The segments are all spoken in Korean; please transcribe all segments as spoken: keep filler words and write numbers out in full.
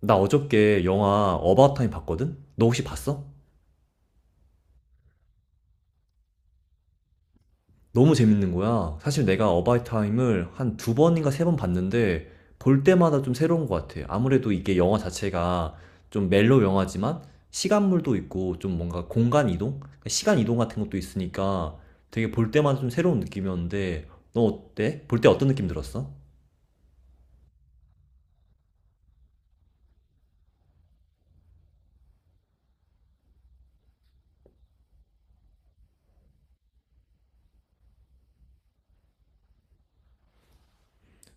나 어저께 영화 어바웃 타임 봤거든? 너 혹시 봤어? 너무 재밌는 거야. 사실 내가 어바웃 타임을 한 두 번인가 세번 봤는데 볼 때마다 좀 새로운 것 같아. 아무래도 이게 영화 자체가 좀 멜로 영화지만 시간물도 있고 좀 뭔가 공간 이동? 그러니까 시간 이동 같은 것도 있으니까 되게 볼 때마다 좀 새로운 느낌이었는데 너 어때? 볼 때 어떤 느낌 들었어?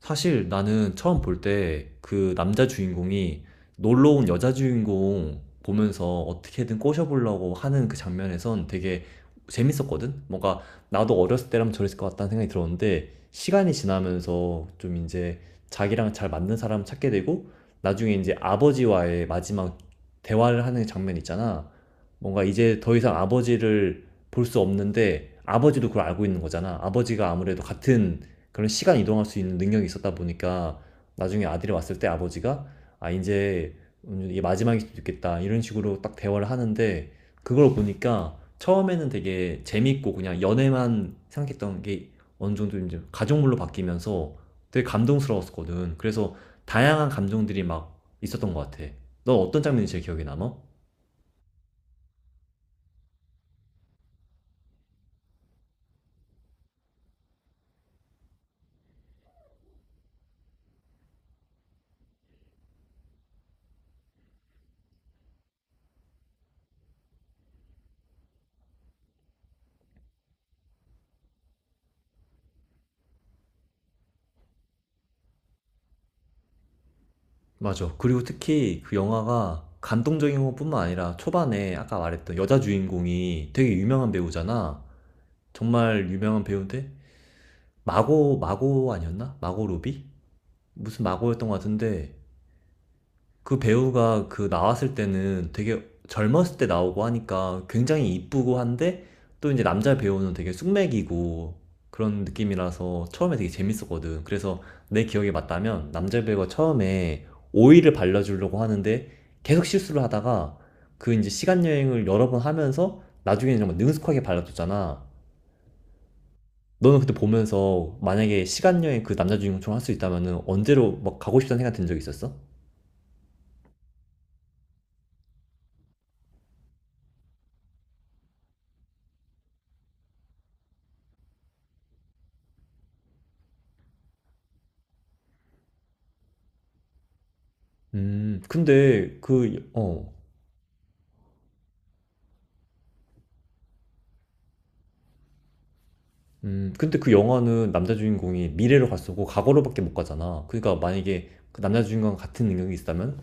사실 나는 처음 볼 때 그 남자 주인공이 놀러 온 여자 주인공 보면서 어떻게든 꼬셔보려고 하는 그 장면에선 되게 재밌었거든? 뭔가 나도 어렸을 때라면 저랬을 것 같다는 생각이 들었는데 시간이 지나면서 좀 이제 자기랑 잘 맞는 사람 찾게 되고, 나중에 이제 아버지와의 마지막 대화를 하는 장면 있잖아. 뭔가 이제 더 이상 아버지를 볼 수 없는데 아버지도 그걸 알고 있는 거잖아. 아버지가 아무래도 같은 그런 시간 이동할 수 있는 능력이 있었다 보니까 나중에 아들이 왔을 때 아버지가, 아 이제 음, 이게 마지막일 수도 있겠다, 이런 식으로 딱 대화를 하는데 그걸 보니까 처음에는 되게 재밌고 그냥 연애만 생각했던 게 어느 정도 이제 가족물로 바뀌면서 되게 감동스러웠거든. 그래서 다양한 감정들이 막 있었던 것 같아. 넌 어떤 장면이 제일 기억에 남아? 맞아. 그리고 특히 그 영화가 감동적인 것뿐만 아니라 초반에 아까 말했던 여자 주인공이 되게 유명한 배우잖아. 정말 유명한 배우인데 마고, 마고 아니었나? 마고 로비? 무슨 마고였던 것 같은데. 그 배우가 그 나왔을 때는 되게 젊었을 때 나오고 하니까 굉장히 이쁘고 한데 또 이제 남자 배우는 되게 숙맥이고 그런 느낌이라서 처음에 되게 재밌었거든. 그래서 내 기억에 맞다면 남자 배우가 처음에 오일을 발라주려고 하는데 계속 실수를 하다가 그 이제 시간 여행을 여러 번 하면서 나중에는 정말 능숙하게 발라줬잖아. 너는 그때 보면서 만약에 시간 여행, 그 남자 주인공처럼 할 수 있다면은 언제로 막 가고 싶다는 생각 든 적 있었어? 음, 근데 그, 어, 음, 근데 그 영화는 남자 주인공이 미래로 갈 수고 과거로밖에 못 가잖아. 그러니까 만약에 그 남자 주인공과 같은 능력이 있다면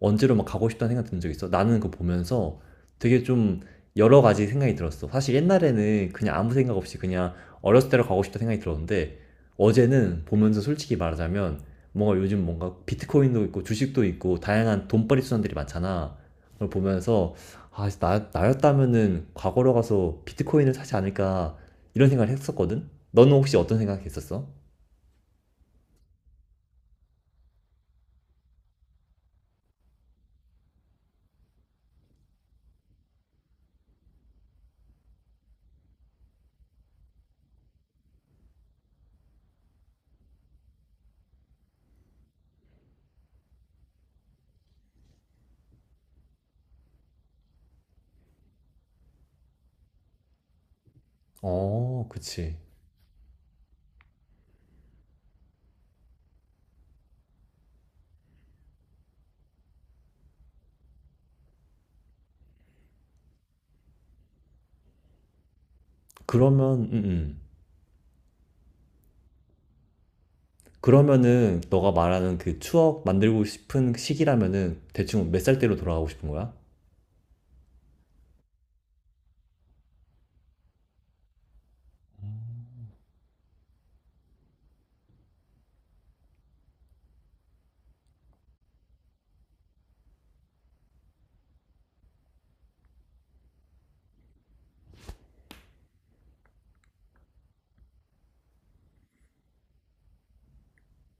언제로 막 가고 싶다는 생각 든 적 있어? 나는 그거 보면서 되게 좀 여러 가지 생각이 들었어. 사실 옛날에는 그냥 아무 생각 없이 그냥 어렸을 때로 가고 싶다 생각이 들었는데, 어제는 보면서 솔직히 말하자면 뭔가 요즘 뭔가 비트코인도 있고 주식도 있고 다양한 돈벌이 수단들이 많잖아. 그걸 보면서, 아, 나, 나였다면은 과거로 가서 비트코인을 사지 않을까 이런 생각을 했었거든? 너는 혹시 어떤 생각 했었어? 어, 그치. 그러면, 음, 음. 그러면은 너가 말하는 그 추억 만들고 싶은 시기라면은 대충 몇 살 때로 돌아가고 싶은 거야?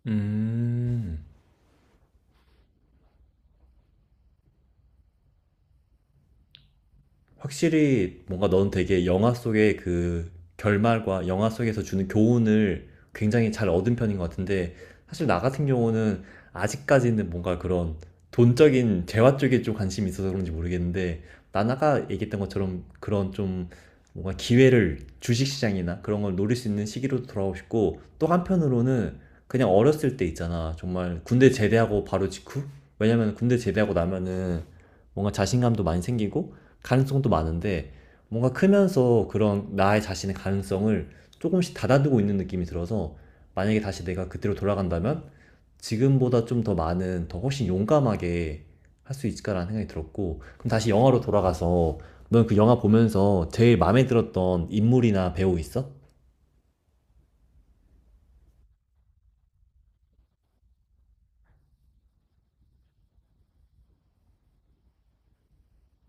음. 확실히 뭔가 넌 되게 영화 속의 그 결말과 영화 속에서 주는 교훈을 굉장히 잘 얻은 편인 것 같은데, 사실 나 같은 경우는 아직까지는 뭔가 그런 돈적인 재화 쪽에 좀 관심이 있어서 그런지 모르겠는데, 난 아까 얘기했던 것처럼 그런 좀 뭔가 기회를, 주식시장이나 그런 걸 노릴 수 있는 시기로 돌아오고 싶고, 또 한편으로는 그냥 어렸을 때 있잖아, 정말 군대 제대하고 바로 직후. 왜냐면 군대 제대하고 나면은 뭔가 자신감도 많이 생기고 가능성도 많은데, 뭔가 크면서 그런 나의 자신의 가능성을 조금씩 닫아두고 있는 느낌이 들어서, 만약에 다시 내가 그때로 돌아간다면 지금보다 좀 더 많은 더 훨씬 용감하게 할 수 있을까라는 생각이 들었고. 그럼 다시 영화로 돌아가서, 넌 그 영화 보면서 제일 마음에 들었던 인물이나 배우 있어?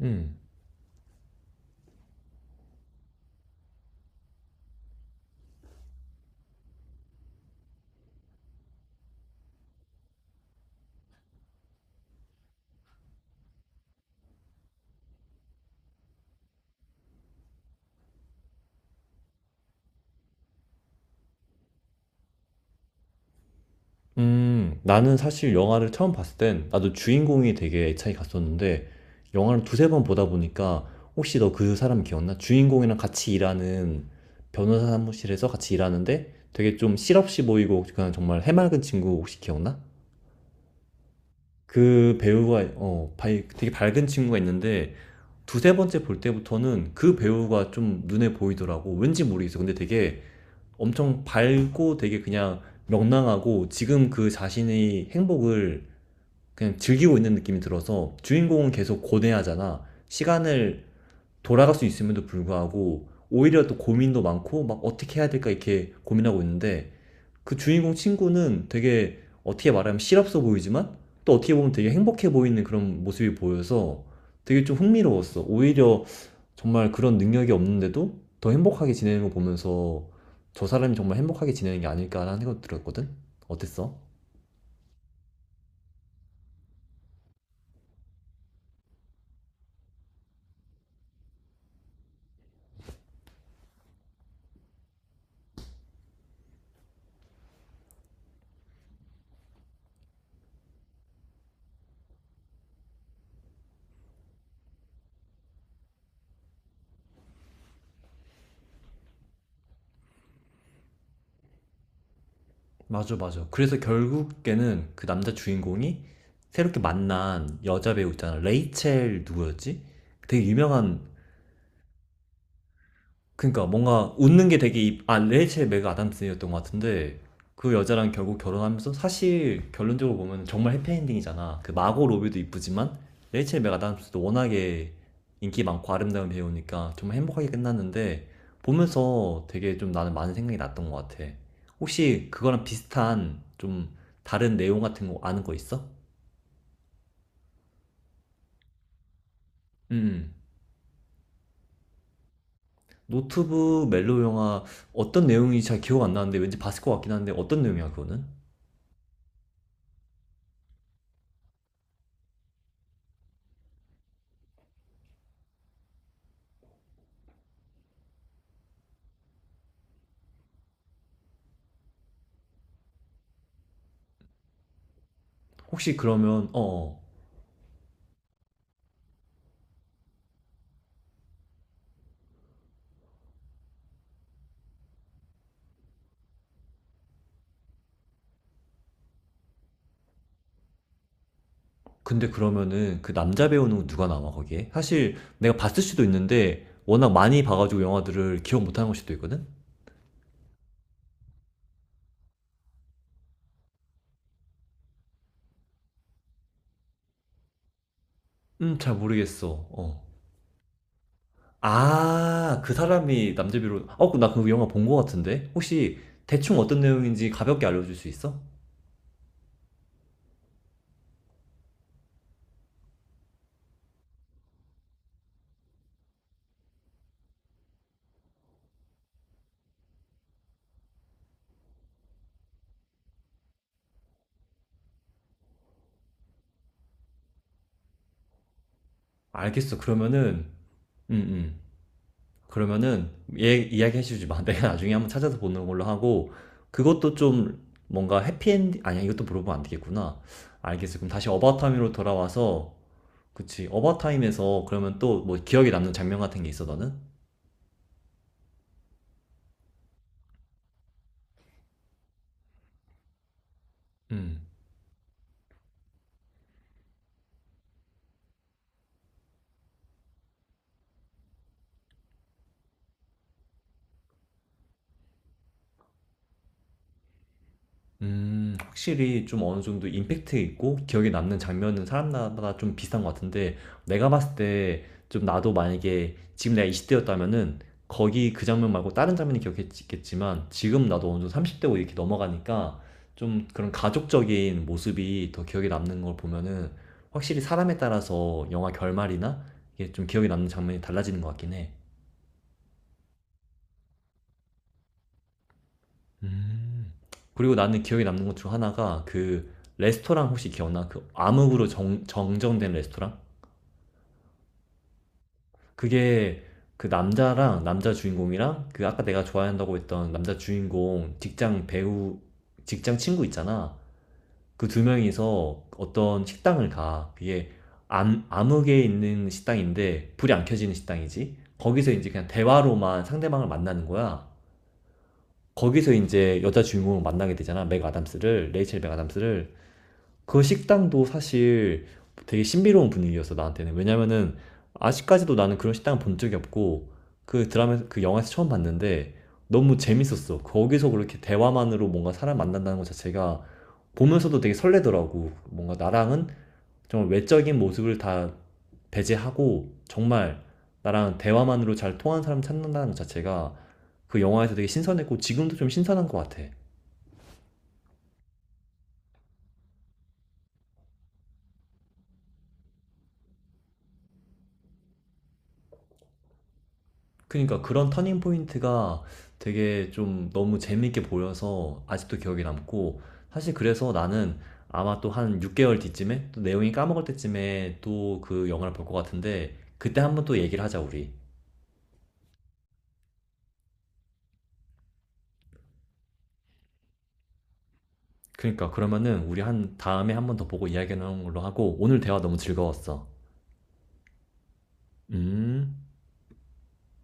음. 음, 나는 사실 영화를 처음 봤을 땐 나도 주인공이 되게 애착이 갔었는데 영화를 두세 번 보다 보니까, 혹시 너 그 사람 기억나? 주인공이랑 같이 일하는, 변호사 사무실에서 같이 일하는데 되게 좀 실없이 보이고 그냥 정말 해맑은 친구 혹시 기억나? 그 배우가, 어, 발- 되게 밝은 친구가 있는데 두세 번째 볼 때부터는 그 배우가 좀 눈에 보이더라고. 왠지 모르겠어. 근데 되게 엄청 밝고 되게 그냥 명랑하고, 지금 그 자신의 행복을 그냥 즐기고 있는 느낌이 들어서. 주인공은 계속 고뇌하잖아. 시간을 돌아갈 수 있음에도 불구하고 오히려 또 고민도 많고 막 어떻게 해야 될까 이렇게 고민하고 있는데, 그 주인공 친구는 되게 어떻게 말하면 실없어 보이지만 또 어떻게 보면 되게 행복해 보이는 그런 모습이 보여서 되게 좀 흥미로웠어. 오히려 정말 그런 능력이 없는데도 더 행복하게 지내는 거 보면서 저 사람이 정말 행복하게 지내는 게 아닐까라는 생각 들었거든? 어땠어? 맞아, 맞아. 그래서 결국에는 그 남자 주인공이 새롭게 만난 여자 배우 있잖아. 레이첼 누구였지? 되게 유명한. 그러니까 뭔가 웃는 게 되게 입- 아, 레이첼 맥 아담스였던 것 같은데. 그 여자랑 결국 결혼하면서 사실 결론적으로 보면 정말 해피엔딩이잖아. 그 마고 로비도 이쁘지만 레이첼 맥 아담스도 워낙에 인기 많고 아름다운 배우니까 정말 행복하게 끝났는데, 보면서 되게 좀 나는 많은 생각이 났던 것 같아. 혹시 그거랑 비슷한 좀 다른 내용 같은 거 아는 거 있어? 음. 노트북 멜로 영화. 어떤 내용인지 잘 기억 안 나는데 왠지 봤을 것 같긴 한데, 어떤 내용이야 그거는? 혹시 그러면, 어, 어. 근데 그러면은 그 남자 배우는 누가 나와 거기에? 사실 내가 봤을 수도 있는데 워낙 많이 봐가지고 영화들을 기억 못하는 걸 수도 있거든? 음, 잘 모르겠어. 어. 아, 그 사람이 남자 배우. 어, 그, 나그 영화 본거 같은데? 혹시 대충 어떤 내용인지 가볍게 알려줄 수 있어? 알겠어. 그러면은, 음, 음. 그러면은 얘 이야기 해주지 마. 내가 나중에 한번 찾아서 보는 걸로 하고, 그것도 좀 뭔가 해피엔딩 아니야? 이것도 물어보면 안 되겠구나. 알겠어. 그럼 다시 어바타임으로 돌아와서, 그치, 어바타임에서 그러면 또 뭐 기억에 남는 장면 같은 게 있어 너는? 음. 음, 확실히 좀 어느 정도 임팩트 있고 기억에 남는 장면은 사람마다 좀 비슷한 것 같은데, 내가 봤을 때 좀 나도 만약에 지금 내가 이십 대였다면은 거기 그 장면 말고 다른 장면이 기억했겠지만, 지금 나도 어느 정도 삼십 대고 이렇게 넘어가니까 좀 그런 가족적인 모습이 더 기억에 남는 걸 보면은, 확실히 사람에 따라서 영화 결말이나 이게 좀 기억에 남는 장면이 달라지는 것 같긴 해. 음. 그리고 나는 기억에 남는 것 중 하나가 그 레스토랑, 혹시 기억나? 그 암흑으로 정, 정정된 레스토랑? 그게, 그 남자랑 남자 주인공이랑 그 아까 내가 좋아한다고 했던 남자 주인공 직장 배우 직장 친구 있잖아. 그 두 명이서 어떤 식당을 가. 그게 암, 암흑에 있는 식당인데 불이 안 켜지는 식당이지. 거기서 이제 그냥 대화로만 상대방을 만나는 거야. 거기서 이제 여자 주인공을 만나게 되잖아. 맥 아담스를, 레이첼 맥 아담스를. 그 식당도 사실 되게 신비로운 분위기였어, 나한테는. 왜냐면은 아직까지도 나는 그런 식당 본 적이 없고, 그 드라마 그 영화에서 처음 봤는데 너무 재밌었어. 거기서 그렇게 대화만으로 뭔가 사람 만난다는 것 자체가 보면서도 되게 설레더라고. 뭔가 나랑은 정말 외적인 모습을 다 배제하고 정말 나랑 대화만으로 잘 통하는 사람 찾는다는 것 자체가 그 영화에서 되게 신선했고 지금도 좀 신선한 것 같아. 그러니까 그런 터닝 포인트가 되게 좀 너무 재밌게 보여서 아직도 기억에 남고, 사실 그래서 나는 아마 또 한 육 개월 뒤쯤에 또 내용이 까먹을 때쯤에 또 그 영화를 볼 것 같은데, 그때 한번 또 얘기를 하자 우리. 그러니까 그러면은 우리 한 다음에 한번 더 보고 이야기하는 걸로 하고, 오늘 대화 너무 즐거웠어. 음.